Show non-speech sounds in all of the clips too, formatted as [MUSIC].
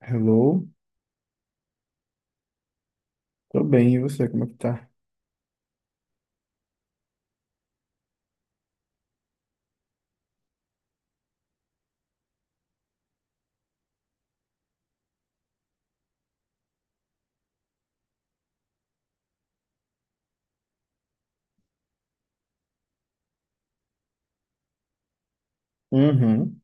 Hello, tô bem, e você, como é que tá? Uhum.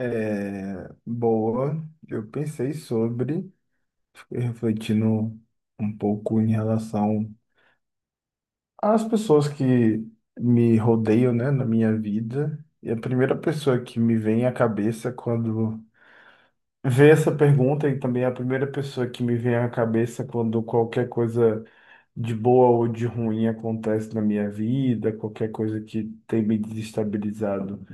É, boa, eu pensei sobre, fiquei refletindo um pouco em relação às pessoas que me rodeiam, né, na minha vida. E a primeira pessoa que me vem à cabeça quando vê essa pergunta, e também a primeira pessoa que me vem à cabeça quando qualquer coisa de boa ou de ruim acontece na minha vida, qualquer coisa que tem me desestabilizado.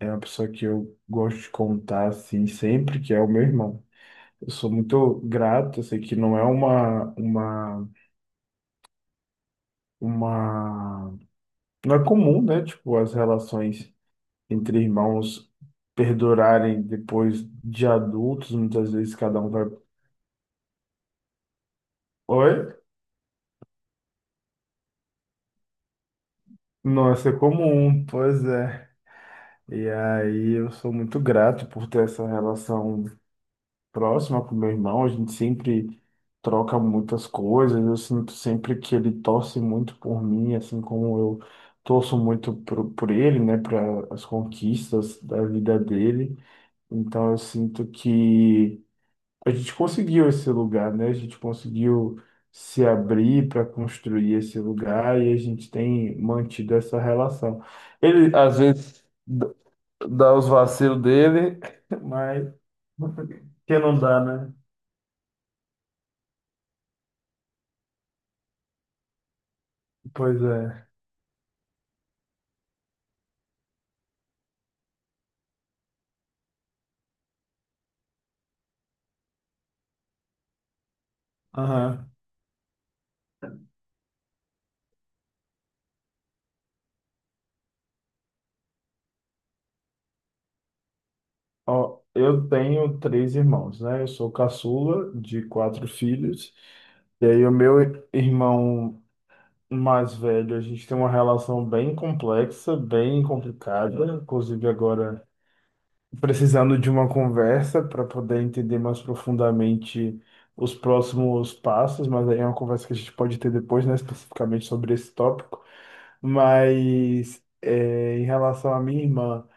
É uma pessoa que eu gosto de contar, assim, sempre, que é o meu irmão. Eu sou muito grato, eu sei que não é uma, uma... Não é comum, né? Tipo, as relações entre irmãos perdurarem depois de adultos, muitas vezes cada um vai. Oi? Nossa, é comum, pois é. E aí eu sou muito grato por ter essa relação próxima com meu irmão, a gente sempre troca muitas coisas, eu sinto sempre que ele torce muito por mim, assim como eu torço muito por ele, né, para as conquistas da vida dele. Então eu sinto que a gente conseguiu esse lugar, né? A gente conseguiu se abrir para construir esse lugar e a gente tem mantido essa relação. Ele às vezes dá os vacilos dele, [LAUGHS] mas que não dá, né? Pois é. Aham. Ó, eu tenho três irmãos, né? Eu sou caçula de quatro filhos. E aí, o meu irmão mais velho, a gente tem uma relação bem complexa, bem complicada. Inclusive, agora precisando de uma conversa para poder entender mais profundamente os próximos passos, mas aí é uma conversa que a gente pode ter depois, né? Especificamente sobre esse tópico. Mas é, em relação à minha irmã.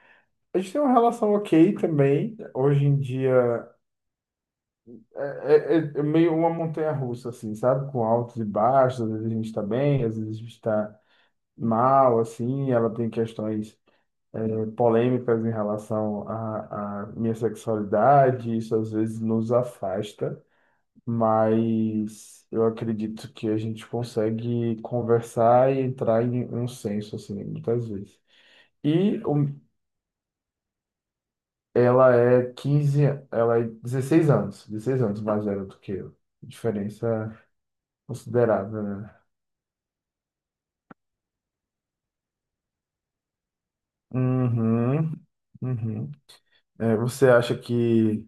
A gente tem uma relação ok também. Hoje em dia é, é meio uma montanha-russa, assim, sabe? Com altos e baixos. Às vezes a gente tá bem, às vezes a gente tá mal, assim. Ela tem questões polêmicas em relação à minha sexualidade. Isso às vezes nos afasta, mas eu acredito que a gente consegue conversar e entrar em um senso, assim, muitas vezes. E o Ela é 15 ela é 16 anos mais velha do que eu. Diferença considerável, né? Uhum, uhum. É, você acha que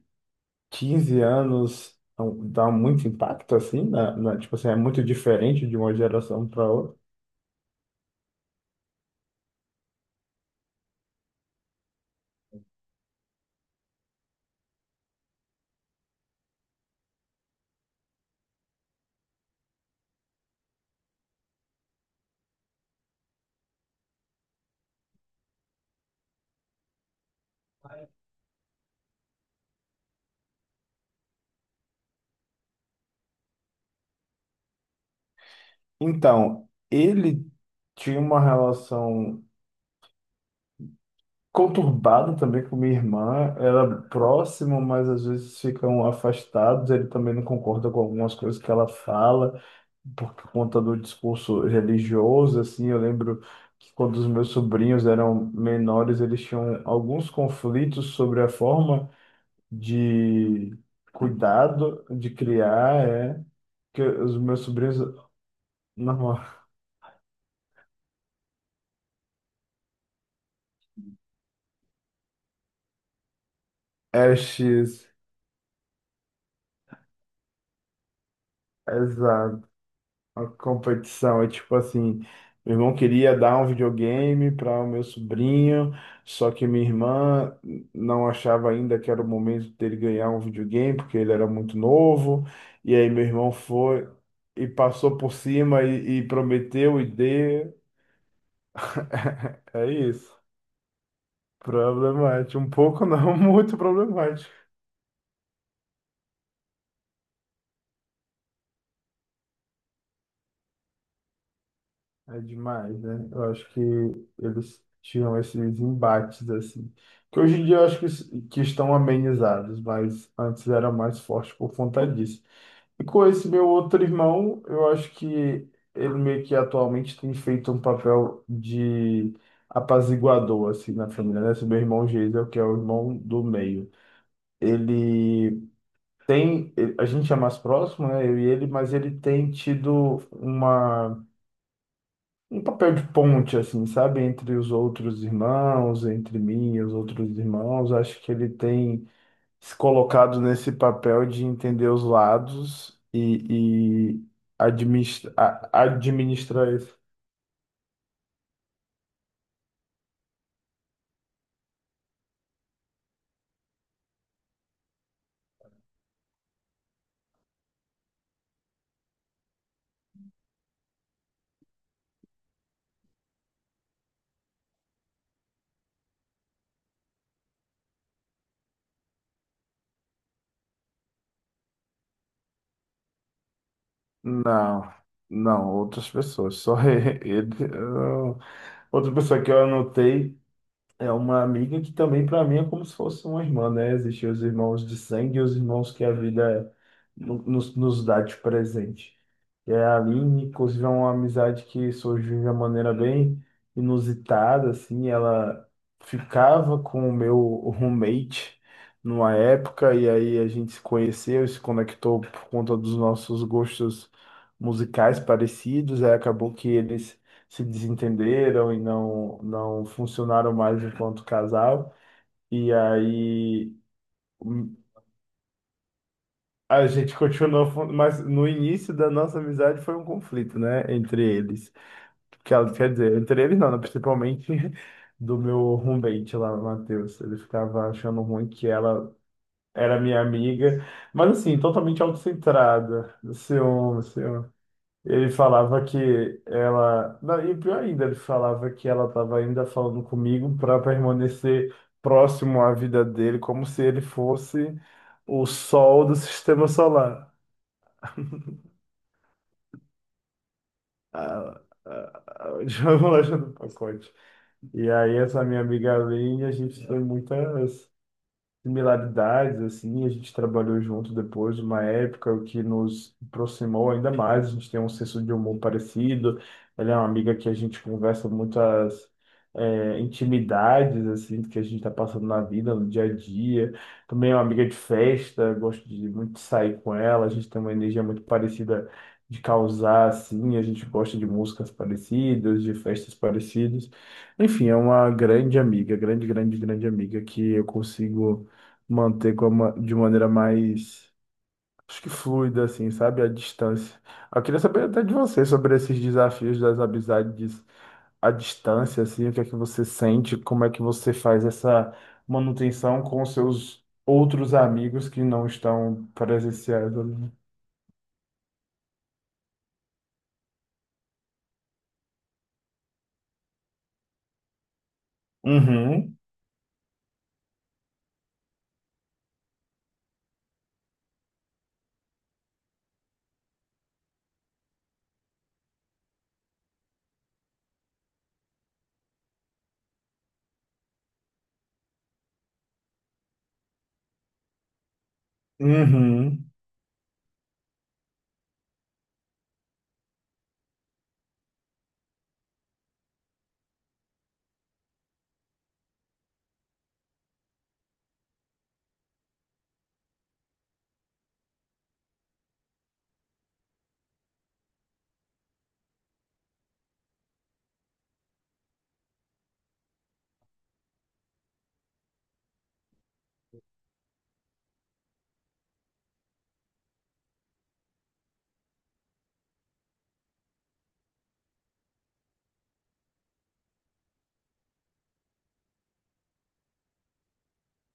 15 anos dá muito impacto assim, tipo assim, é muito diferente de uma geração para outra? Então, ele tinha uma relação conturbada também com minha irmã, era próximo, mas às vezes ficam afastados, ele também não concorda com algumas coisas que ela fala. Por conta do discurso religioso, assim, eu lembro que quando os meus sobrinhos eram menores, eles tinham alguns conflitos sobre a forma de cuidado, de criar, é, que os meus sobrinhos, normal, [LAUGHS] estes, a competição é tipo assim, meu irmão queria dar um videogame para o meu sobrinho, só que minha irmã não achava ainda que era o momento dele ganhar um videogame, porque ele era muito novo. E aí meu irmão foi e passou por cima e prometeu e deu. [LAUGHS] É isso. Problemático, um pouco não, [LAUGHS] muito problemático. É demais, né? Eu acho que eles tinham esses embates, assim. Que hoje em dia eu acho que estão amenizados, mas antes era mais forte por conta disso. E com esse meu outro irmão, eu acho que ele meio que atualmente tem feito um papel de apaziguador, assim, na família, né? Esse meu irmão Geisel, que é o irmão do meio. Ele A gente é mais próximo, né? Eu e ele, mas ele tem tido uma um papel de ponte, assim, sabe? Entre os outros irmãos, entre mim e os outros irmãos. Acho que ele tem se colocado nesse papel de entender os lados e administrar isso. Não, não, outras pessoas. Só [LAUGHS] ele. Outra pessoa que eu anotei é uma amiga que também, para mim, é como se fosse uma irmã, né? Existem os irmãos de sangue e os irmãos que a vida nos dá de presente. É, a Aline, inclusive, é uma amizade que surgiu de uma maneira bem inusitada, assim, ela ficava com o meu roommate numa época, e aí a gente se conheceu, se conectou por conta dos nossos gostos musicais parecidos, aí acabou que eles se desentenderam e não funcionaram mais enquanto casal, e aí hum, a gente [LAUGHS] continuou, mas no início da nossa amizade foi um conflito, né, entre eles. Quer dizer, entre eles não, né? Principalmente [LAUGHS] do meu roommate lá, o Matheus. Ele ficava achando ruim que ela era minha amiga, mas assim, totalmente autocentrada. Ciúme, ciúme. Ele falava que ela. Não, e pior ainda, ele falava que ela estava ainda falando comigo para permanecer próximo à vida dele, como se ele fosse o sol do sistema solar. Ah, ah, ah, [LAUGHS] já vou lá já do pacote. E aí, essa minha amiga Aline, a gente tem muitas similaridades, assim, a gente trabalhou junto depois, uma época o que nos aproximou ainda mais, a gente tem um senso de humor parecido, ela é uma amiga que a gente conversa muitas intimidades, assim, que a gente está passando na vida, no dia a dia, também é uma amiga de festa, gosto de muito sair com ela, a gente tem uma energia muito parecida de causar, assim, a gente gosta de músicas parecidas, de festas parecidas, enfim, é uma grande amiga, grande, grande, grande amiga que eu consigo manter de maneira mais, acho que fluida, assim, sabe? A distância. Eu queria saber até de você sobre esses desafios das amizades à distância, assim, o que é que você sente, como é que você faz essa manutenção com os seus outros amigos que não estão presenciais ali. Uhum, uhum.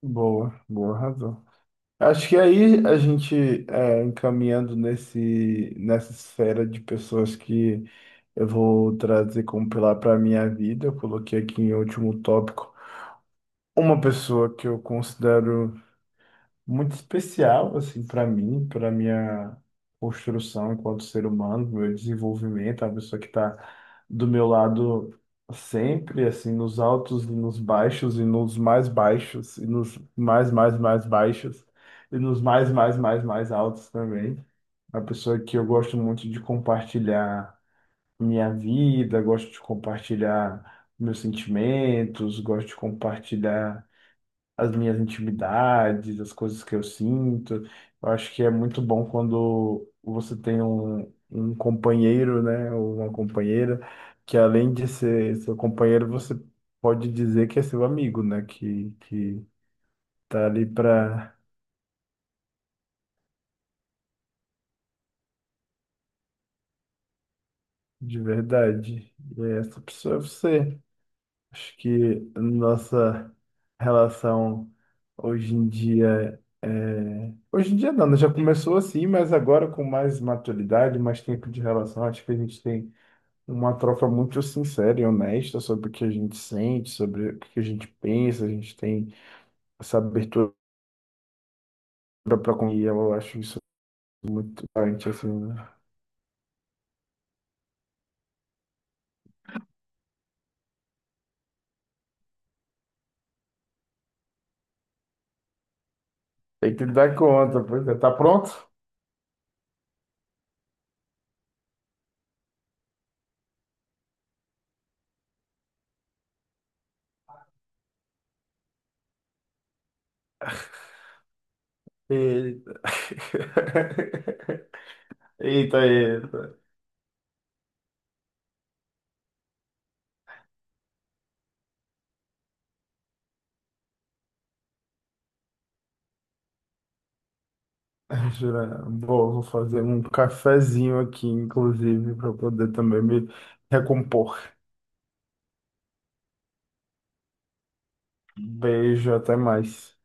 Boa, boa razão. Acho que aí a gente encaminhando nessa esfera de pessoas que eu vou trazer como pilar para a minha vida, eu coloquei aqui em último tópico uma pessoa que eu considero muito especial assim para mim, para minha construção enquanto ser humano, meu desenvolvimento, a pessoa que está do meu lado sempre, assim, nos altos e nos baixos e nos mais baixos e nos mais mais mais baixos e nos mais mais mais mais altos também. A pessoa que eu gosto muito de compartilhar minha vida, gosto de compartilhar meus sentimentos, gosto de compartilhar as minhas intimidades, as coisas que eu sinto. Eu acho que é muito bom quando você tem um companheiro, né, ou uma companheira, que além de ser seu companheiro, você pode dizer que é seu amigo, né, que tá ali pra de verdade. E é essa pessoa é você. Acho que a nossa relação hoje em dia Hoje em dia não, né? Já começou assim, mas agora com mais maturidade, mais tempo de relação, acho que a gente tem uma troca muito sincera e honesta sobre o que a gente sente, sobre o que a gente pensa, a gente tem essa abertura para com e eu acho isso muito importante, assim, né? Tem que dar conta, pois é. Tá pronto? E- [LAUGHS] Eita, eita. Ah, Jura? Vou fazer um cafezinho aqui, inclusive, para poder também me recompor. Beijo, até mais.